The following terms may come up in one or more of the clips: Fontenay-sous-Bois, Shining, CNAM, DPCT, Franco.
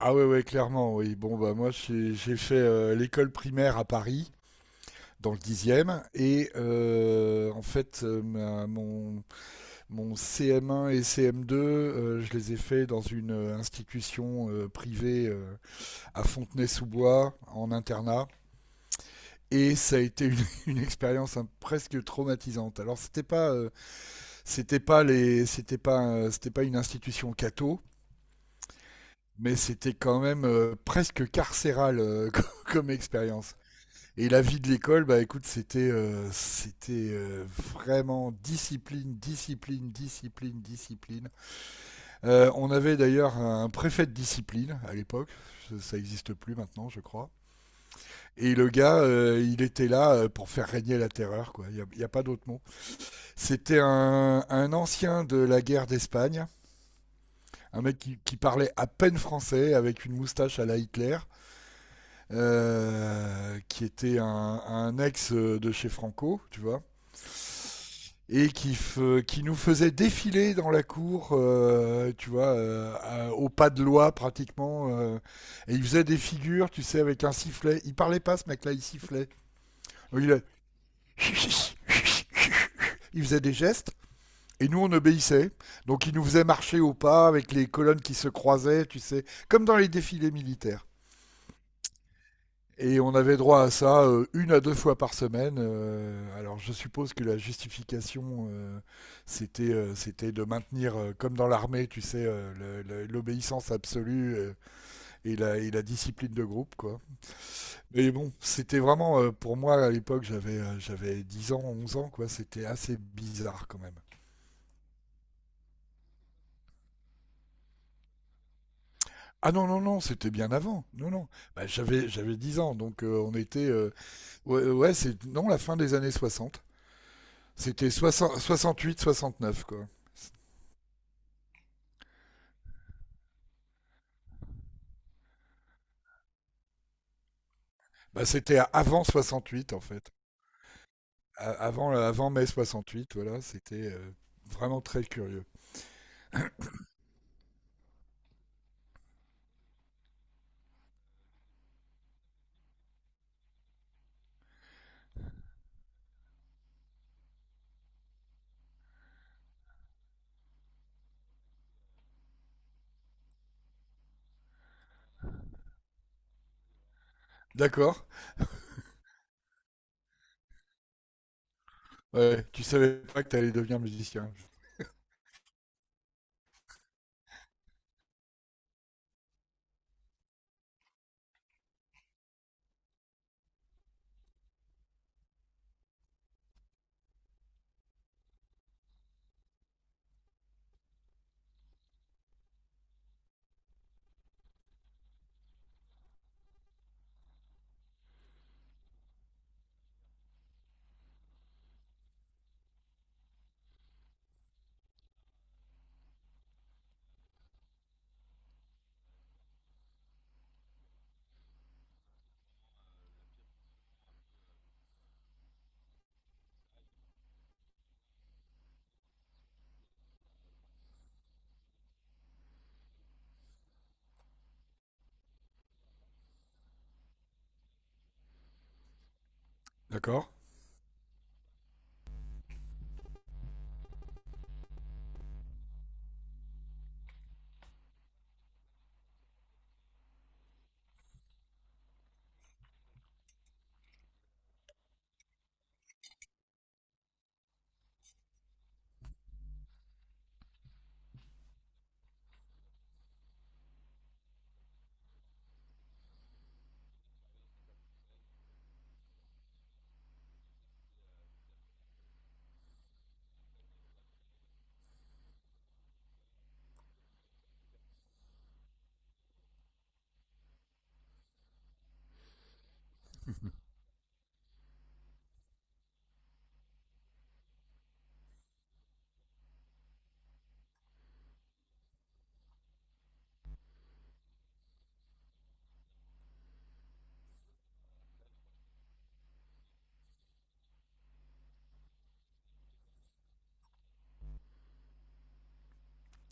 Ah ouais, ouais, clairement, oui. Bon, bah moi, j'ai fait l'école primaire à Paris, dans le dixième et en fait, ma- mon CM1 et CM2, je les ai faits dans une institution privée à Fontenay-sous-Bois, en internat. Et ça a été une, une expérience hein, presque traumatisante. Alors c'était pas les, c'était pas une institution catho, mais c'était quand même presque carcéral comme expérience. Et la vie de l'école, bah écoute, c'était vraiment discipline, discipline, discipline, discipline. On avait d'ailleurs un préfet de discipline à l'époque, ça existe plus maintenant, je crois. Et le gars, il était là pour faire régner la terreur, quoi. Il y a pas d'autre mot. C'était un ancien de la guerre d'Espagne, un mec qui parlait à peine français, avec une moustache à la Hitler, qui était un ex de chez Franco, tu vois, et qui nous faisait défiler dans la cour, tu vois, au pas de loi pratiquement, et il faisait des figures, tu sais, avec un sifflet. Il parlait pas, ce mec-là, il sifflait. Donc, il, a- il faisait des gestes. Et nous, on obéissait. Donc, il nous faisait marcher au pas avec les colonnes qui se croisaient, tu sais, comme dans les défilés militaires. Et on avait droit à ça une à deux fois par semaine. Alors je suppose que la justification, c'était de maintenir, comme dans l'armée, tu sais, l'obéissance absolue et la discipline de groupe, quoi. Mais bon, c'était vraiment, pour moi, à l'époque, j'avais 10 ans, 11 ans, quoi. C'était assez bizarre quand même. Ah non, non, non, c'était bien avant. Non, non. Bah, j'avais 10 ans, donc on était... Non, la fin des années 60. C'était soixante-huit, soixante-neuf, quoi. Bah, c'était avant 68 en fait. Avant, avant mai soixante-huit, voilà, c'était vraiment très curieux. D'accord. Ouais, tu savais pas que t'allais devenir musicien. D'accord.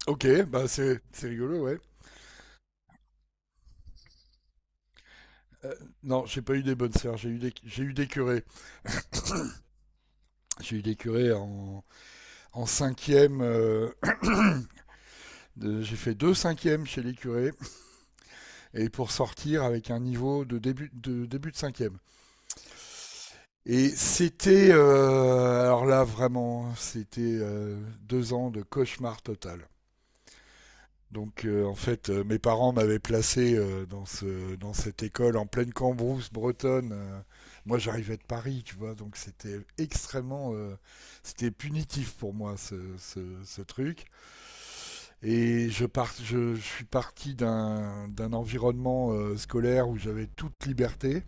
Ok, bah c'est rigolo, ouais. Euh, non, j'ai pas eu des bonnes sœurs, j'ai eu des curés. J'ai eu des curés en, en cinquième, j'ai fait 2 cinquièmes chez les curés, et pour sortir avec un niveau début de cinquième. Et c'était, alors là vraiment, c'était 2 ans de cauchemar total. Donc mes parents m'avaient placé dans cette école en pleine Cambrousse bretonne. Moi, j'arrivais de Paris, tu vois, donc c'était extrêmement, c'était punitif pour moi ce truc. Et je suis parti d'un environnement scolaire où j'avais toute liberté.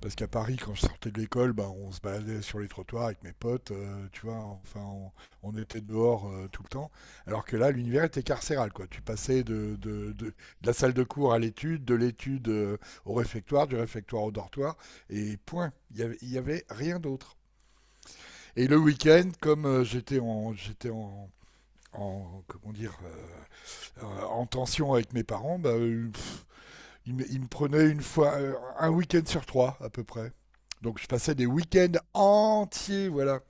Parce qu'à Paris, quand je sortais de l'école, bah, on se baladait sur les trottoirs avec mes potes, tu vois, on était dehors tout le temps. Alors que là, l'univers était carcéral, quoi. Tu passais de la salle de cours à l'étude, de l'étude au réfectoire, du réfectoire au dortoir, et point. Il y avait rien d'autre. Et le week-end, comme j'étais en, comment dire, en tension avec mes parents, bah, il me prenait une fois un week-end sur trois à peu près. Donc je passais des week-ends entiers, voilà.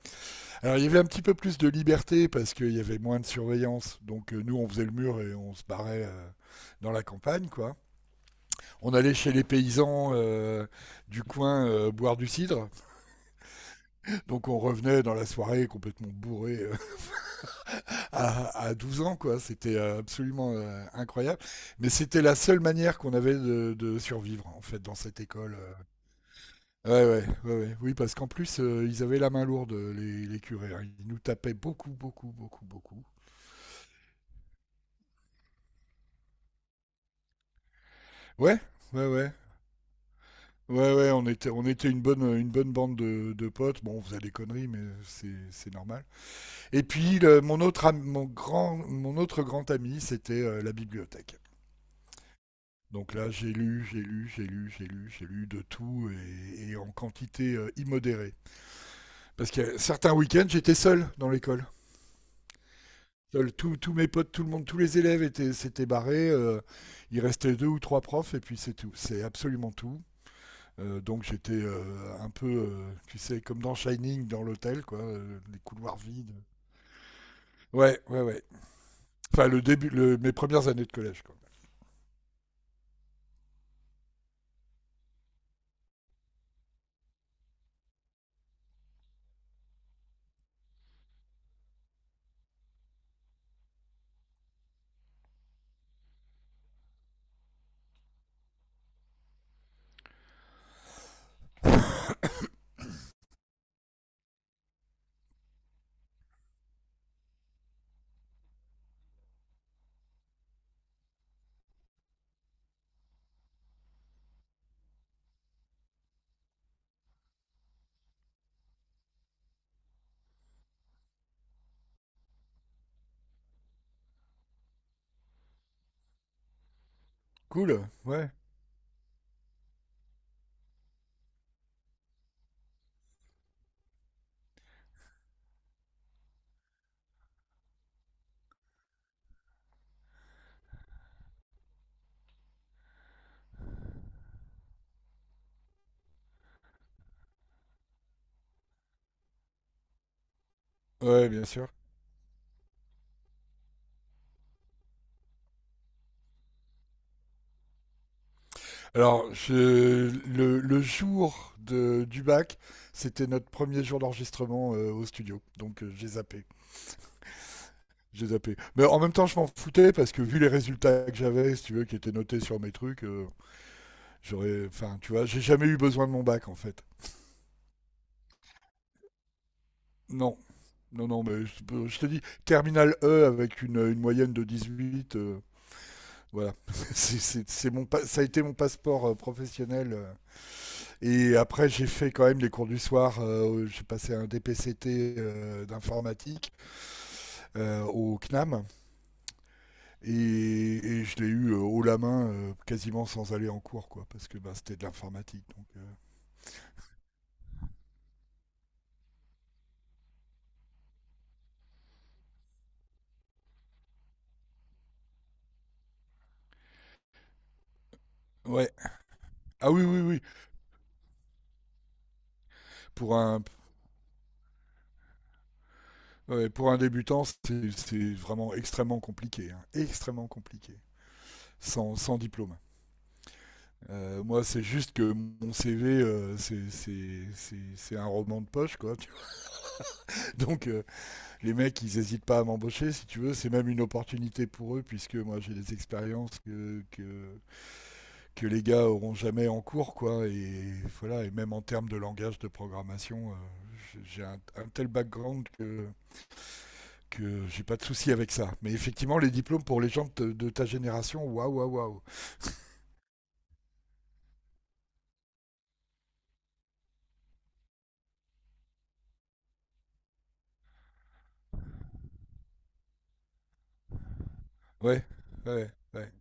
Alors il y avait un petit peu plus de liberté parce qu'il y avait moins de surveillance. Donc nous on faisait le mur et on se barrait dans la campagne, quoi. On allait chez les paysans du coin boire du cidre. Donc on revenait dans la soirée complètement bourré à 12 ans, quoi. C'était absolument incroyable. Mais c'était la seule manière qu'on avait de survivre en fait dans cette école. Ouais, ouais, ouais, ouais. Oui, parce qu'en plus, ils avaient la main lourde, les curés, hein. Ils nous tapaient beaucoup, beaucoup, beaucoup, beaucoup. Ouais, ouais, ouais. Ouais, ouais, on était une bonne bande de potes. Bon, on faisait des conneries, mais c'est normal. Et puis, mon autre grand ami, c'était la bibliothèque. Donc là, j'ai lu de tout et en quantité immodérée. Parce que certains week-ends, j'étais seul dans l'école. Seuls tous mes potes, tout le monde, tous les élèves étaient, s'étaient barrés. Il restait deux ou trois profs et puis c'est tout. C'est absolument tout. Donc j'étais un peu, tu sais, comme dans Shining, dans l'hôtel, quoi, les couloirs vides. Ouais, ouais, ouais. Enfin, le début, mes premières années de collège, quoi. Cool, ouais. Ouais, bien sûr. Alors, le jour du bac, c'était notre premier jour d'enregistrement au studio, donc j'ai zappé. J'ai zappé. Mais en même temps, je m'en foutais parce que vu les résultats que j'avais, si tu veux, qui étaient notés sur mes trucs, j'aurais. Enfin, tu vois, j'ai jamais eu besoin de mon bac en fait. Non, non, non, mais je te dis, terminal E avec une moyenne de 18, voilà. C'est mon, ça a été mon passeport professionnel. Et après, j'ai fait quand même les cours du soir. J'ai passé un DPCT d'informatique au CNAM. Et, et je l'ai eu haut la main, quasiment sans aller en cours, quoi, parce que bah, c'était de l'informatique. Donc, ouais. Ah oui, oui, oui. Pour un, ouais, pour un débutant, c'est vraiment extrêmement compliqué, hein, extrêmement compliqué, sans diplôme. Moi, c'est juste que mon CV, c'est un roman de poche, quoi, tu vois. Donc, euh, les mecs, ils n'hésitent pas à m'embaucher, si tu veux. C'est même une opportunité pour eux, puisque moi, j'ai des expériences que les gars auront jamais en cours, quoi. Et voilà, et même en termes de langage de programmation, j'ai un tel background que j'ai pas de souci avec ça. Mais effectivement, les diplômes pour les gens de ta génération, waouh, waouh, waouh. Ouais, ouais, ouais.